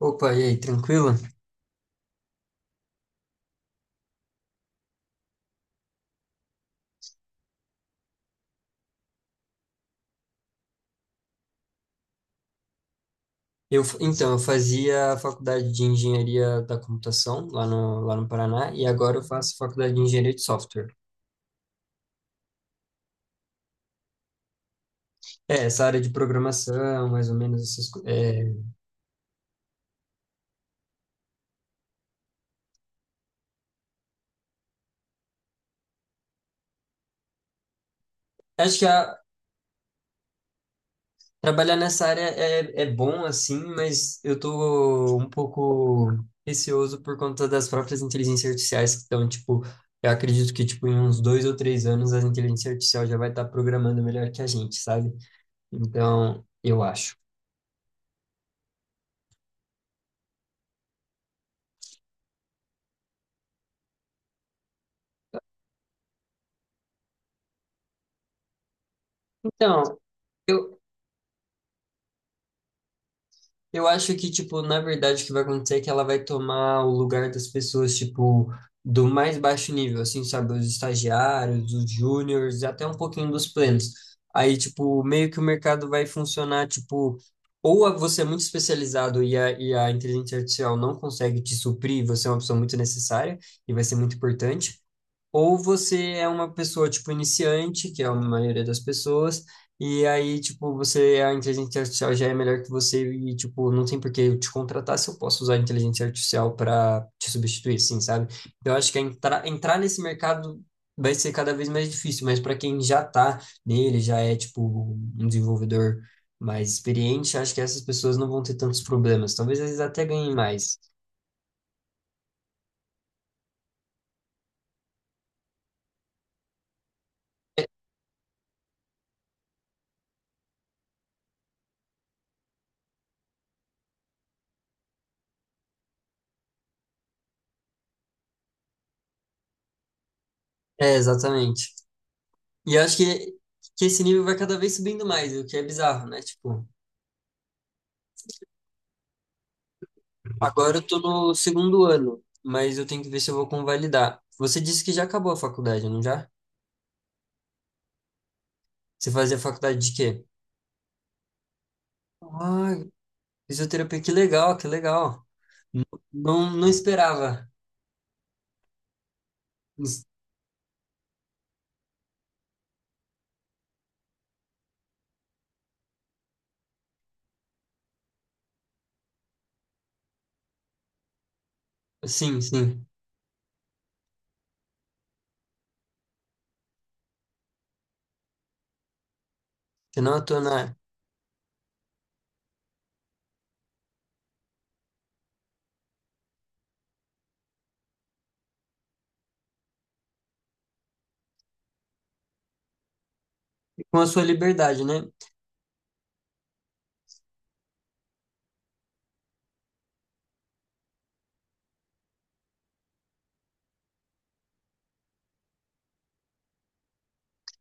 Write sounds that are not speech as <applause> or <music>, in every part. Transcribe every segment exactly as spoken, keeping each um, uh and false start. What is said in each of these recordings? Opa, e aí, tranquilo? Eu, f- então, eu fazia a faculdade de engenharia da computação lá no, lá no Paraná e agora eu faço faculdade de engenharia de software. É, essa área de programação, mais ou menos essas coisas. acho que a- trabalhar nessa área é, é bom, assim, mas eu tô um pouco receoso por conta das próprias inteligências artificiais que estão, tipo, eu acredito que, tipo, em uns dois ou três anos a inteligência artificial já vai estar programando melhor que a gente, sabe? Então, eu acho. Então, eu acho que, tipo, na verdade, o que vai acontecer é que ela vai tomar o lugar das pessoas, tipo, do mais baixo nível, assim, sabe? Os estagiários, os júniores, e até um pouquinho dos plenos. Aí, tipo, meio que o mercado vai funcionar, tipo, ou a- você é muito especializado e a, e a inteligência artificial não consegue te suprir, você é uma pessoa muito necessária e vai ser muito importante, ou você é uma pessoa, tipo, iniciante, que é a maioria das pessoas, e aí, tipo, você, a inteligência artificial já é melhor que você e, tipo, não tem por que eu te contratar se eu posso usar a inteligência artificial para te substituir, assim, sabe? Eu acho que entrar, entrar nesse mercado vai ser cada vez mais difícil, mas para quem já tá nele, já é, tipo, um desenvolvedor mais experiente, acho que essas pessoas não vão ter tantos problemas. Talvez eles até ganhem mais. É, exatamente. E eu acho que, que esse nível vai cada vez subindo mais, o que é bizarro, né? Tipo, agora eu tô no segundo ano, mas eu tenho que ver se eu vou convalidar. Você disse que já acabou a faculdade, não já? Você fazia faculdade de quê? Ah, fisioterapia, que legal, que legal. Não, não esperava. Sim, sim. Senão eu tô na. Com a sua liberdade, né?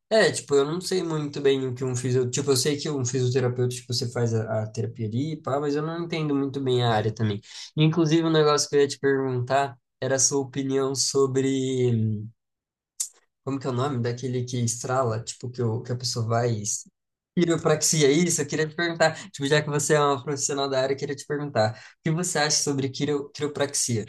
É, tipo, eu não sei muito bem o que um fisio. Tipo, eu sei que um fisioterapeuta, tipo, você faz a, a terapia ali, pá, mas eu não entendo muito bem a área também. Inclusive, um negócio que eu ia te perguntar era a sua opinião sobre. Como que é o nome? Daquele que estrala, tipo, que, o, que a pessoa vai. e es- Quiropraxia, isso, eu queria te perguntar. Tipo, já que você é uma profissional da área, eu queria te perguntar. O que você acha sobre quiro, quiropraxia?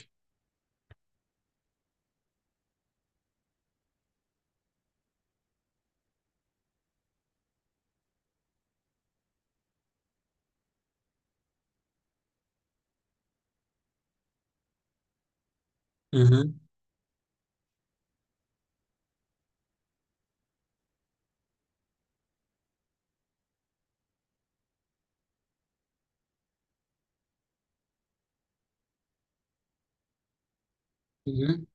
Uhum, uhum.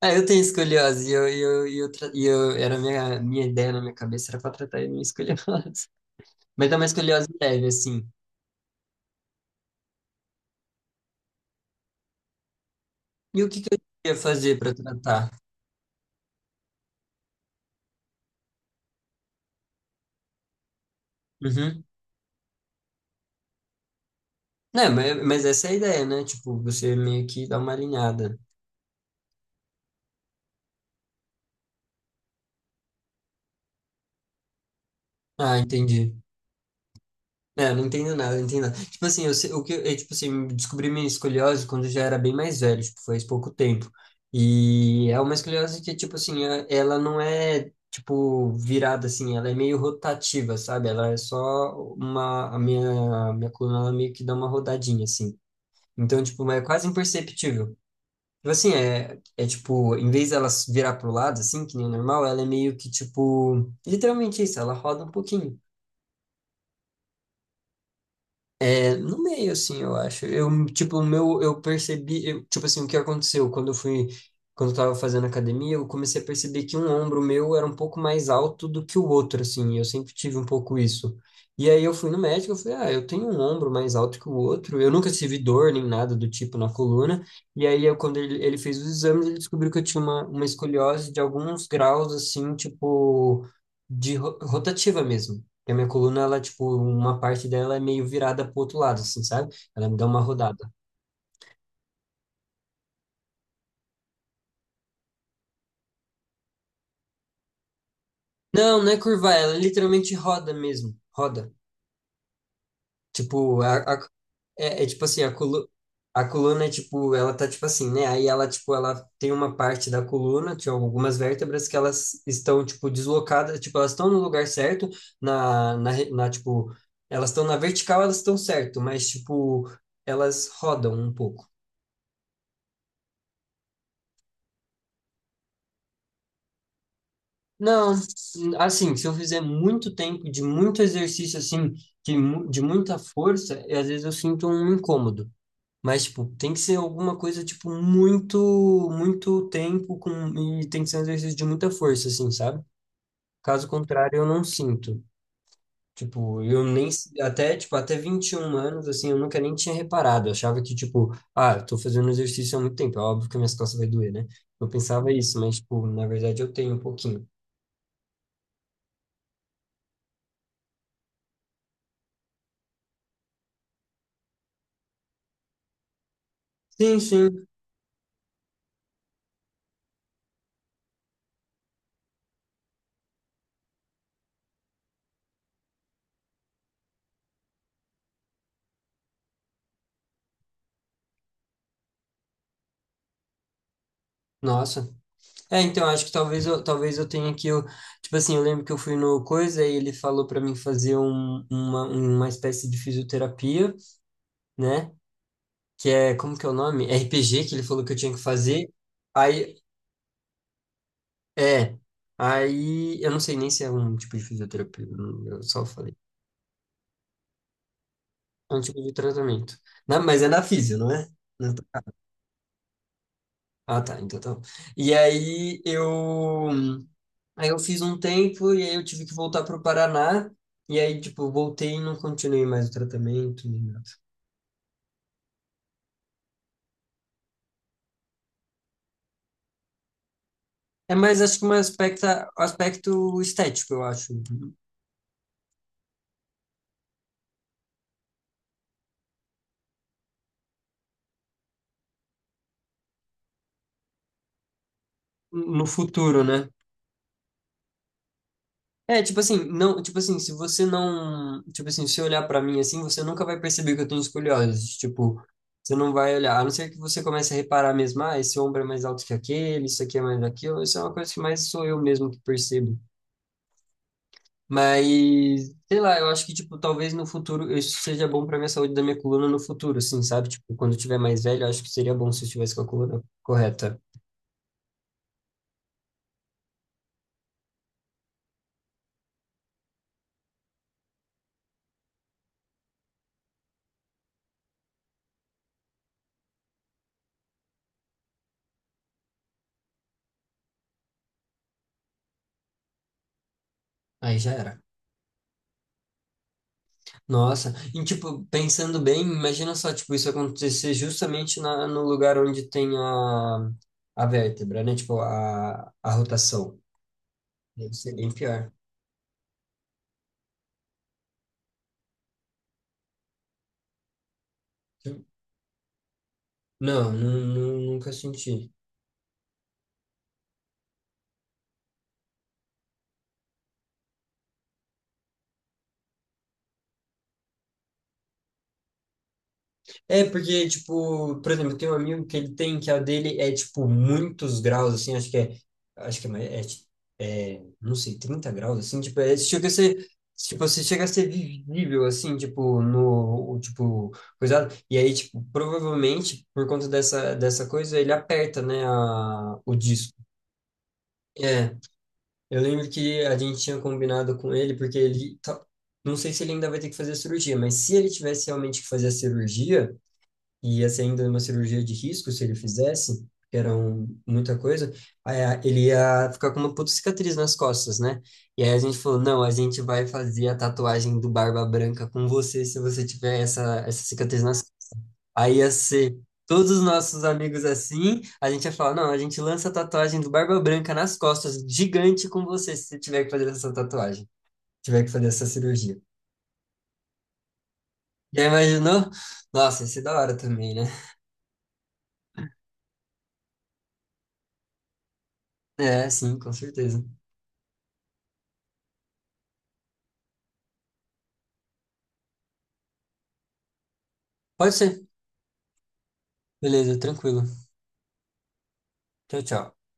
Ah, eu tenho escoliose e eu, e eu, e eu, tra- e eu era a minha, minha ideia na minha cabeça era para tratar a minha escoliose. <laughs> Mas é uma escoliose leve, assim. E o que que eu ia fazer para tratar? Uhum. Não, mas, mas essa é a ideia, né? Tipo, você meio que dá uma alinhada. Ah, entendi. É, eu não entendo nada, não entendo nada. Tipo assim, eu, se- o que, eu, tipo assim, descobri minha escoliose quando eu já era bem mais velho, tipo, faz pouco tempo. E é uma escoliose que, tipo assim, é- ela não é, tipo, virada assim, ela é meio rotativa, sabe? Ela é só uma, a minha, minha coluna, ela meio que dá uma rodadinha, assim. Então, tipo, é quase imperceptível. Tipo assim, é, é tipo, em vez dela virar pro lado, assim, que nem o normal, ela é meio que, tipo, literalmente isso, ela roda um pouquinho. É, no meio, assim, eu acho. Eu, tipo, o meu, eu percebi, eu, tipo assim, o que aconteceu quando eu fui, quando eu tava fazendo academia, eu comecei a perceber que um ombro meu era um pouco mais alto do que o outro, assim, e eu sempre tive um pouco isso. E aí eu fui no médico, eu falei, ah, eu tenho um ombro mais alto que o outro, eu nunca tive dor nem nada do tipo na coluna, e aí eu, quando ele, ele fez os exames, ele descobriu que eu tinha uma, uma escoliose de alguns graus, assim, tipo, de ro- rotativa mesmo. Porque a minha coluna, ela, tipo, uma parte dela é meio virada pro outro lado, assim, sabe? Ela me dá uma rodada. Não, não é curvar, ela literalmente roda mesmo. Roda. Tipo, a, a- é, é tipo assim, a, colu a coluna é tipo, ela tá tipo assim, né? Aí ela, tipo, ela tem uma parte da coluna, tinha algumas vértebras que elas estão, tipo, deslocadas, tipo, elas estão no lugar certo, na, na, re- na tipo, elas estão na vertical, elas estão certo, mas, tipo, elas rodam um pouco. Não, assim, se eu fizer muito tempo de muito exercício, assim, de, mu- de muita força, e às vezes eu sinto um incômodo. Mas, tipo, tem que ser alguma coisa, tipo, muito, muito tempo com, e tem que ser um exercício de muita força, assim, sabe? Caso contrário, eu não sinto. Tipo, eu nem, se- até, tipo, até vinte e um anos, assim, eu nunca nem tinha reparado. Eu achava que, tipo, ah, eu tô fazendo exercício há muito tempo, é óbvio que minhas costas vai doer, né? Eu pensava isso, mas, tipo, na verdade eu tenho um pouquinho. Sim, sim. Nossa. É, então, acho que talvez eu, talvez eu tenha que, eu, tipo assim, eu lembro que eu fui no Coisa e ele falou pra mim fazer um- uma, uma espécie de fisioterapia, né? Que é, como que é o nome? R P G, que ele falou que eu tinha que fazer. Aí, é, aí, eu não sei nem se é um tipo de fisioterapia, eu só falei. É um tipo de tratamento. Na- mas é na físio, não é? Não tô-. Ah, tá, então tá. Bom. E aí, eu. Aí eu fiz um tempo e aí eu tive que voltar para o Paraná. E aí, tipo, voltei e não continuei mais o tratamento nem nada. É mais, acho que um aspecto, um aspecto estético, eu acho, no futuro, né? É, tipo assim, não, tipo assim, se você não, tipo assim, se olhar pra mim assim, você nunca vai perceber que eu tenho escoliose, tipo, você não vai olhar, a não ser que você comece a reparar mesmo, ah, esse ombro é mais alto que aquele, isso aqui é mais aquilo, isso é uma coisa que mais sou eu mesmo que percebo. Mas, sei lá, eu acho que, tipo, talvez no futuro isso seja bom pra minha saúde da minha coluna no futuro, assim, sabe? Tipo, quando eu tiver mais velho, eu acho que seria bom se eu tivesse com a coluna correta. Aí já era. Nossa, e tipo, pensando bem, imagina só, tipo, isso acontecer justamente na, no lugar onde tem a, a vértebra, né? Tipo, a, a rotação. Deve ser bem pior. Não, nu- nu- nunca senti. É, porque, tipo, por exemplo, tem um amigo que ele tem, que a dele é, tipo, muitos graus, assim, acho que é, acho que é, mais- é, ti- é, não sei, trinta graus, assim, tipo, é, chega a ser, tipo, você chega a ser visível, assim, tipo, no, o, tipo, coisado, e aí, tipo, provavelmente, por conta dessa, dessa coisa, ele aperta, né, a, o disco. É, eu lembro que a gente tinha combinado com ele, porque ele, tá- não sei se ele ainda vai ter que fazer a cirurgia, mas se ele tivesse realmente que fazer a cirurgia, e ia ser ainda uma cirurgia de risco se ele fizesse, que era um, muita coisa, aí a- ele ia ficar com uma puta cicatriz nas costas, né? E aí a gente falou, não, a gente vai fazer a tatuagem do Barba Branca com você se você tiver essa, essa cicatriz nas costas. Aí ia ser todos os nossos amigos assim, a gente ia falar, não, a gente lança a tatuagem do Barba Branca nas costas, gigante com você se você tiver que fazer essa tatuagem, tiver que fazer essa cirurgia. Já imaginou? Nossa, ia ser da hora também, né? É, sim, com certeza. Pode ser. Beleza, tranquilo. Tchau, tchau.